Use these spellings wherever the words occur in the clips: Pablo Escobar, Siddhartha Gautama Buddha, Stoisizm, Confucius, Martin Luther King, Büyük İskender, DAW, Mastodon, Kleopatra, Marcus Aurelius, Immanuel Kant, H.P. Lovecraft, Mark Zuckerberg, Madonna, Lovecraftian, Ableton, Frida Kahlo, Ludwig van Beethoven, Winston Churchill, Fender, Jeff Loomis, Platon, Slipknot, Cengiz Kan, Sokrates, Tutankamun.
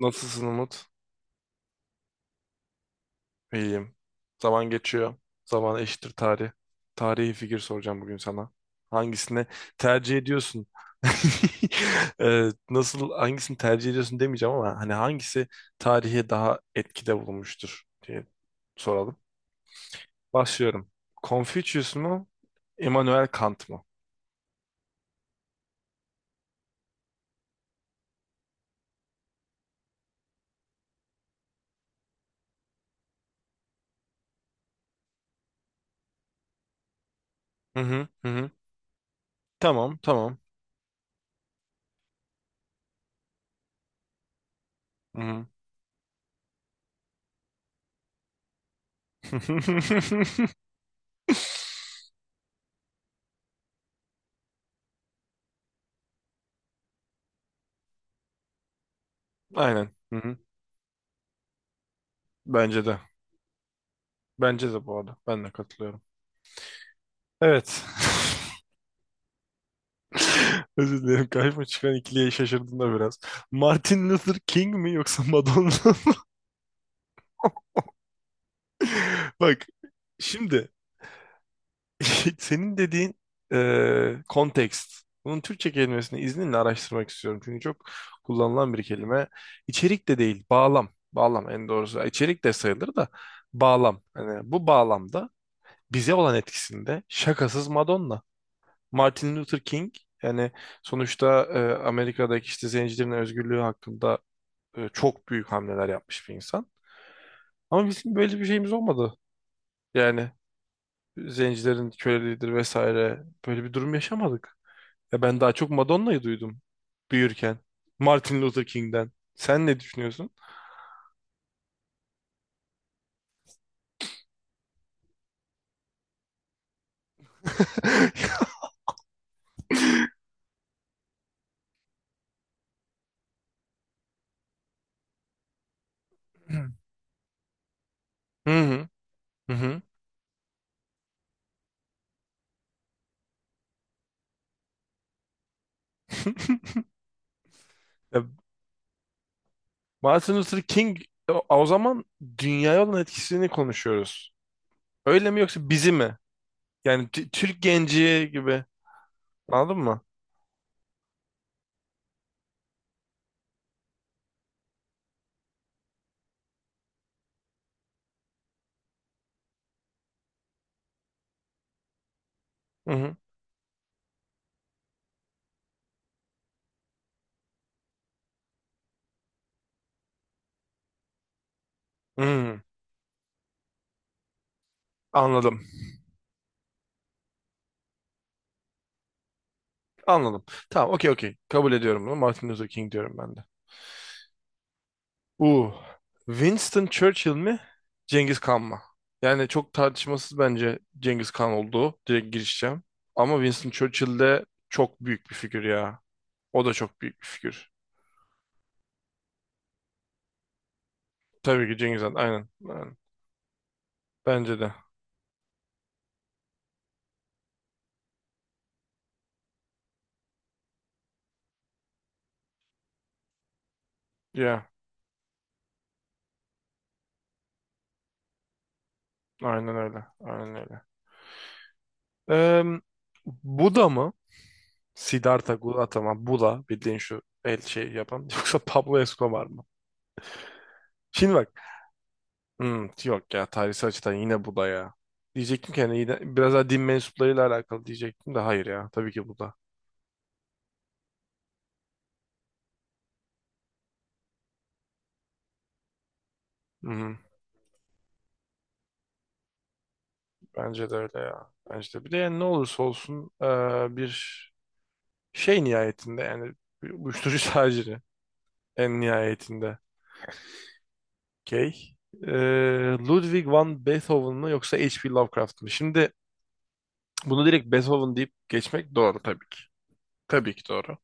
Nasılsın Umut? İyiyim. Zaman geçiyor. Zaman eşittir tarih. Tarihi figür soracağım bugün sana. Hangisini tercih ediyorsun? Nasıl hangisini tercih ediyorsun demeyeceğim ama hani hangisi tarihe daha etkide bulunmuştur diye soralım. Başlıyorum. Confucius mu? Immanuel Kant mı? Hı hı hı. Hı. Tamam tamam. Hı hı. Aynen. Hı hı. Bence de. Bence de bu arada. Ben de katılıyorum. Evet. Özür dilerim. Karşıma çıkan ikiliye şaşırdım da biraz. Martin Luther King mi yoksa Madonna mı? Bak, şimdi senin dediğin kontekst. Bunun Türkçe kelimesini izninle araştırmak istiyorum. Çünkü çok kullanılan bir kelime. İçerik de değil, bağlam. Bağlam en doğrusu. İçerik de sayılır da bağlam. Hani bu bağlamda bize olan etkisinde şakasız Madonna. Martin Luther King yani sonuçta Amerika'daki işte zencilerin özgürlüğü hakkında çok büyük hamleler yapmış bir insan. Ama bizim böyle bir şeyimiz olmadı. Yani zencilerin köleliğidir vesaire böyle bir durum yaşamadık. Ya ben daha çok Madonna'yı duydum büyürken. Martin Luther King'den. Sen ne düşünüyorsun? Hı hı. Hı hı. Ya, Martin Luther King, o zaman dünyaya olan etkisini konuşuyoruz. Öyle mi yoksa bizi mi? Yani Türk genci gibi. Anladın mı? Hı hı. Hı. Anladım. Anladım. Tamam, okey okey. Kabul ediyorum bunu. Martin Luther King diyorum ben de. Uh. Winston Churchill mi? Cengiz Kan mı? Yani çok tartışmasız bence Cengiz Kan olduğu. Direkt girişeceğim. Ama Winston Churchill de çok büyük bir figür ya. O da çok büyük bir figür. Tabii ki Cengiz Han. Aynen. Aynen. Bence de. Ya. Aynen öyle. Aynen öyle. Em, Buda mı? Siddhartha Gautama Buddha bildiğin şu el şey yapan yoksa Pablo Escobar mı? Şimdi bak, yok ya, tarihsel açıdan yine Buddha ya. Diyecektim ki hani yine biraz daha din mensuplarıyla alakalı diyecektim de hayır ya, tabii ki Buddha. Hı-hı, bence de öyle ya. Bence de. Bir de yani ne olursa olsun bir şey nihayetinde yani bir uyuşturucu taciri en nihayetinde. Okey. Eee, Ludwig van Beethoven mı yoksa H.P. Lovecraft mı? Şimdi bunu direkt Beethoven deyip geçmek doğru tabii ki. Tabii ki doğru.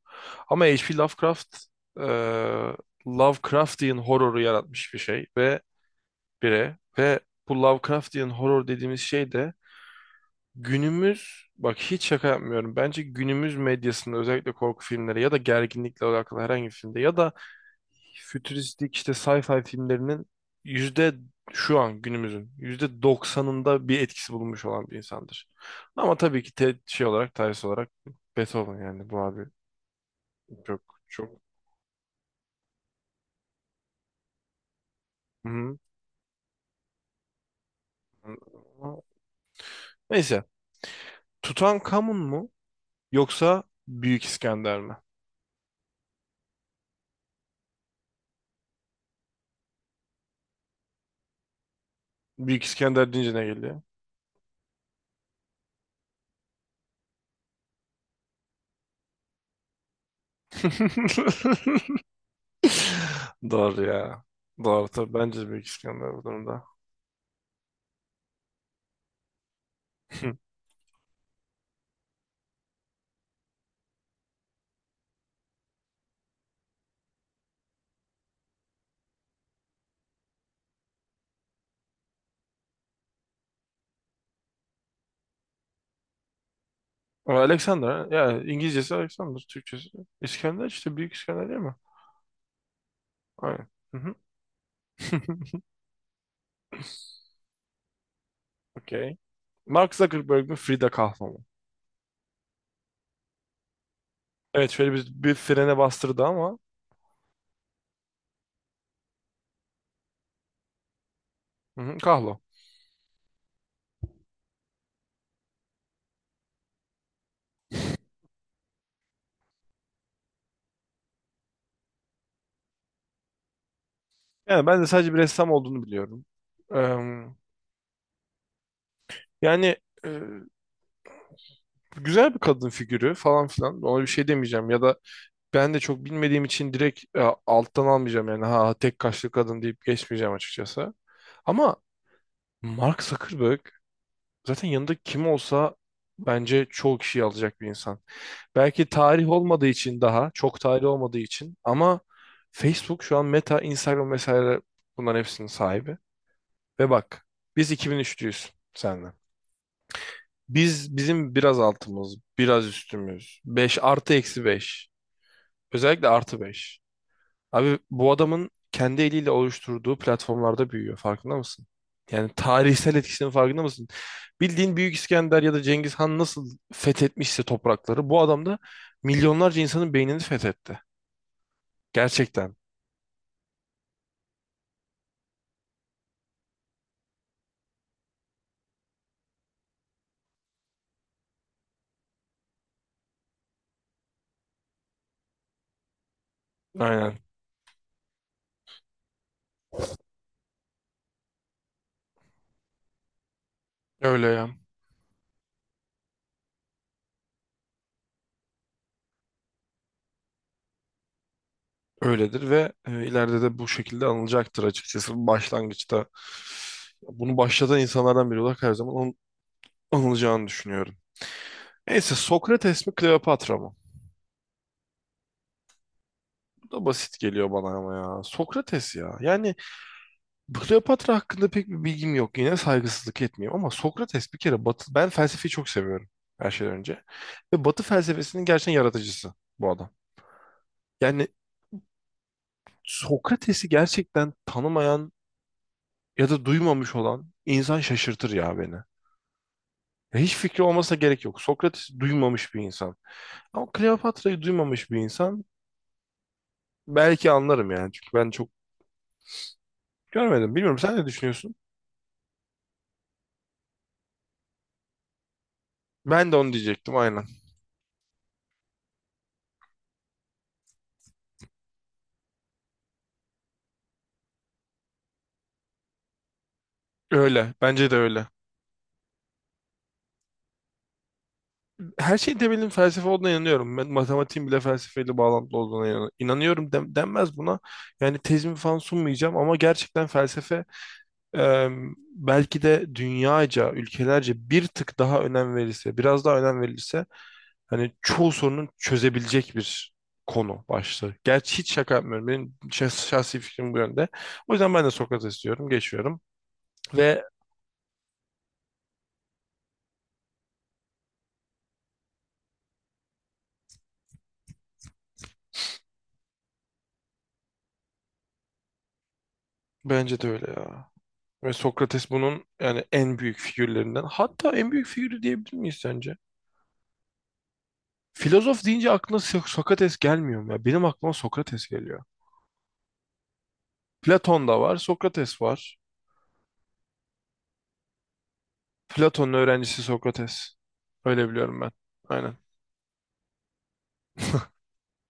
Ama H.P. Lovecraft, e, Lovecraftian horroru yaratmış bir şey ve bire ve bu Lovecraftian horror dediğimiz şey de günümüz, bak hiç şaka yapmıyorum. Bence günümüz medyasında özellikle korku filmleri ya da gerginlikle alakalı herhangi bir filmde ya da fütüristik işte sci-fi filmlerinin yüzde, şu an günümüzün yüzde doksanında bir etkisi bulunmuş olan bir insandır. Ama tabii ki şey olarak, tarihsel olarak Beethoven yani bu abi çok çok. Hı. Neyse. Tutankamun mu yoksa Büyük İskender mi? Büyük İskender deyince ne geliyor? Doğru ya. Doğru tabii. Bence Büyük İskender bu durumda. Ama Alexander ha? Ya, İngilizcesi Alexander, Türkçesi İskender işte, Büyük İskender değil mi? Aynen. Hı hı. Okey. Mark Zuckerberg mi Frida Kahlo mu? Evet, şöyle bir frene bastırdı ama hı hı, Kahlo. Yani ben de sadece bir ressam olduğunu biliyorum. Eee, yani e, güzel bir kadın figürü falan filan. Ona bir şey demeyeceğim ya da ben de çok bilmediğim için direkt alttan almayacağım yani, ha tek kaşlı kadın deyip geçmeyeceğim açıkçası. Ama Mark Zuckerberg zaten yanında kim olsa bence çoğu kişiyi alacak bir insan. Belki tarih olmadığı için daha, çok tarih olmadığı için ama Facebook şu an Meta, Instagram vesaire bunların hepsinin sahibi. Ve bak, biz 2003'lüyüz senle. Biz, bizim biraz altımız, biraz üstümüz. 5 artı eksi 5. Özellikle artı beş. Abi bu adamın kendi eliyle oluşturduğu platformlarda büyüyor. Farkında mısın? Yani tarihsel etkisinin farkında mısın? Bildiğin Büyük İskender ya da Cengiz Han nasıl fethetmişse toprakları, bu adam da milyonlarca insanın beynini fethetti. Gerçekten. Aynen. Öyle ya. Öyledir ve ileride de bu şekilde anılacaktır açıkçası. Başlangıçta bunu başlatan insanlardan biri olarak her zaman anılacağını düşünüyorum. Neyse, Sokrates mi Kleopatra mı? Bu da basit geliyor bana ama ya. Sokrates ya. Yani Kleopatra hakkında pek bir bilgim yok. Yine saygısızlık etmeyeyim ama Sokrates bir kere Batı... Ben felsefeyi çok seviyorum her şeyden önce. Ve Batı felsefesinin gerçekten yaratıcısı bu adam. Yani Sokrates'i gerçekten tanımayan ya da duymamış olan insan şaşırtır ya beni. Ya hiç fikri olmasına gerek yok. Sokrates'i duymamış bir insan. Ama Kleopatra'yı duymamış bir insan belki anlarım yani. Çünkü ben çok görmedim. Bilmiyorum, sen ne düşünüyorsun? Ben de onu diyecektim, aynen. Öyle. Bence de öyle. Her şeyin temelinin felsefe olduğuna inanıyorum. Ben matematiğin bile felsefeyle bağlantılı olduğuna inanıyorum denmez buna. Yani tezimi falan sunmayacağım ama gerçekten felsefe e, belki de dünyaca, ülkelerce bir tık daha önem verilse, biraz daha önem verilse hani çoğu sorunun çözebilecek bir konu başlığı. Gerçi hiç şaka yapmıyorum. Benim şahsi fikrim bu yönde. O yüzden ben de Sokrates diyorum, geçiyorum ve bence de öyle ya. Ve Sokrates bunun yani en büyük figürlerinden. Hatta en büyük figürü diyebilir miyiz sence? Filozof deyince aklına Sokrates gelmiyor mu? Ya benim aklıma Sokrates geliyor. Platon da var, Sokrates var. Platon'un öğrencisi Sokrates. Öyle biliyorum ben. Aynen.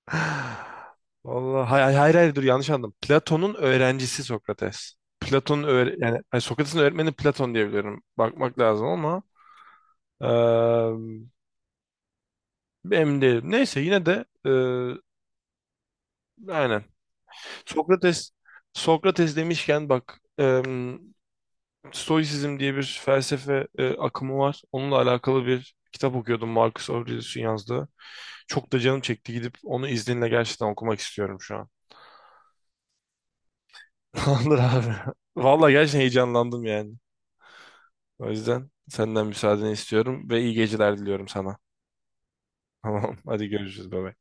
Vallahi hayır, hayır, hayır, dur, yanlış anladım. Platon'un öğrencisi Sokrates. Platon'un öğre yani hayır, Sokrates'in öğretmeni Platon diye biliyorum. Bakmak lazım ama eee emin değilim. Neyse, yine de aynen. Sokrates, Sokrates demişken bak, Stoisizm diye bir felsefe akımı var. Onunla alakalı bir kitap okuyordum, Marcus Aurelius'un yazdığı. Çok da canım çekti, gidip onu izninle gerçekten okumak istiyorum şu an. Tamamdır abi. Vallahi gerçekten heyecanlandım yani. O yüzden senden müsaadeni istiyorum ve iyi geceler diliyorum sana. Tamam, hadi görüşürüz baba.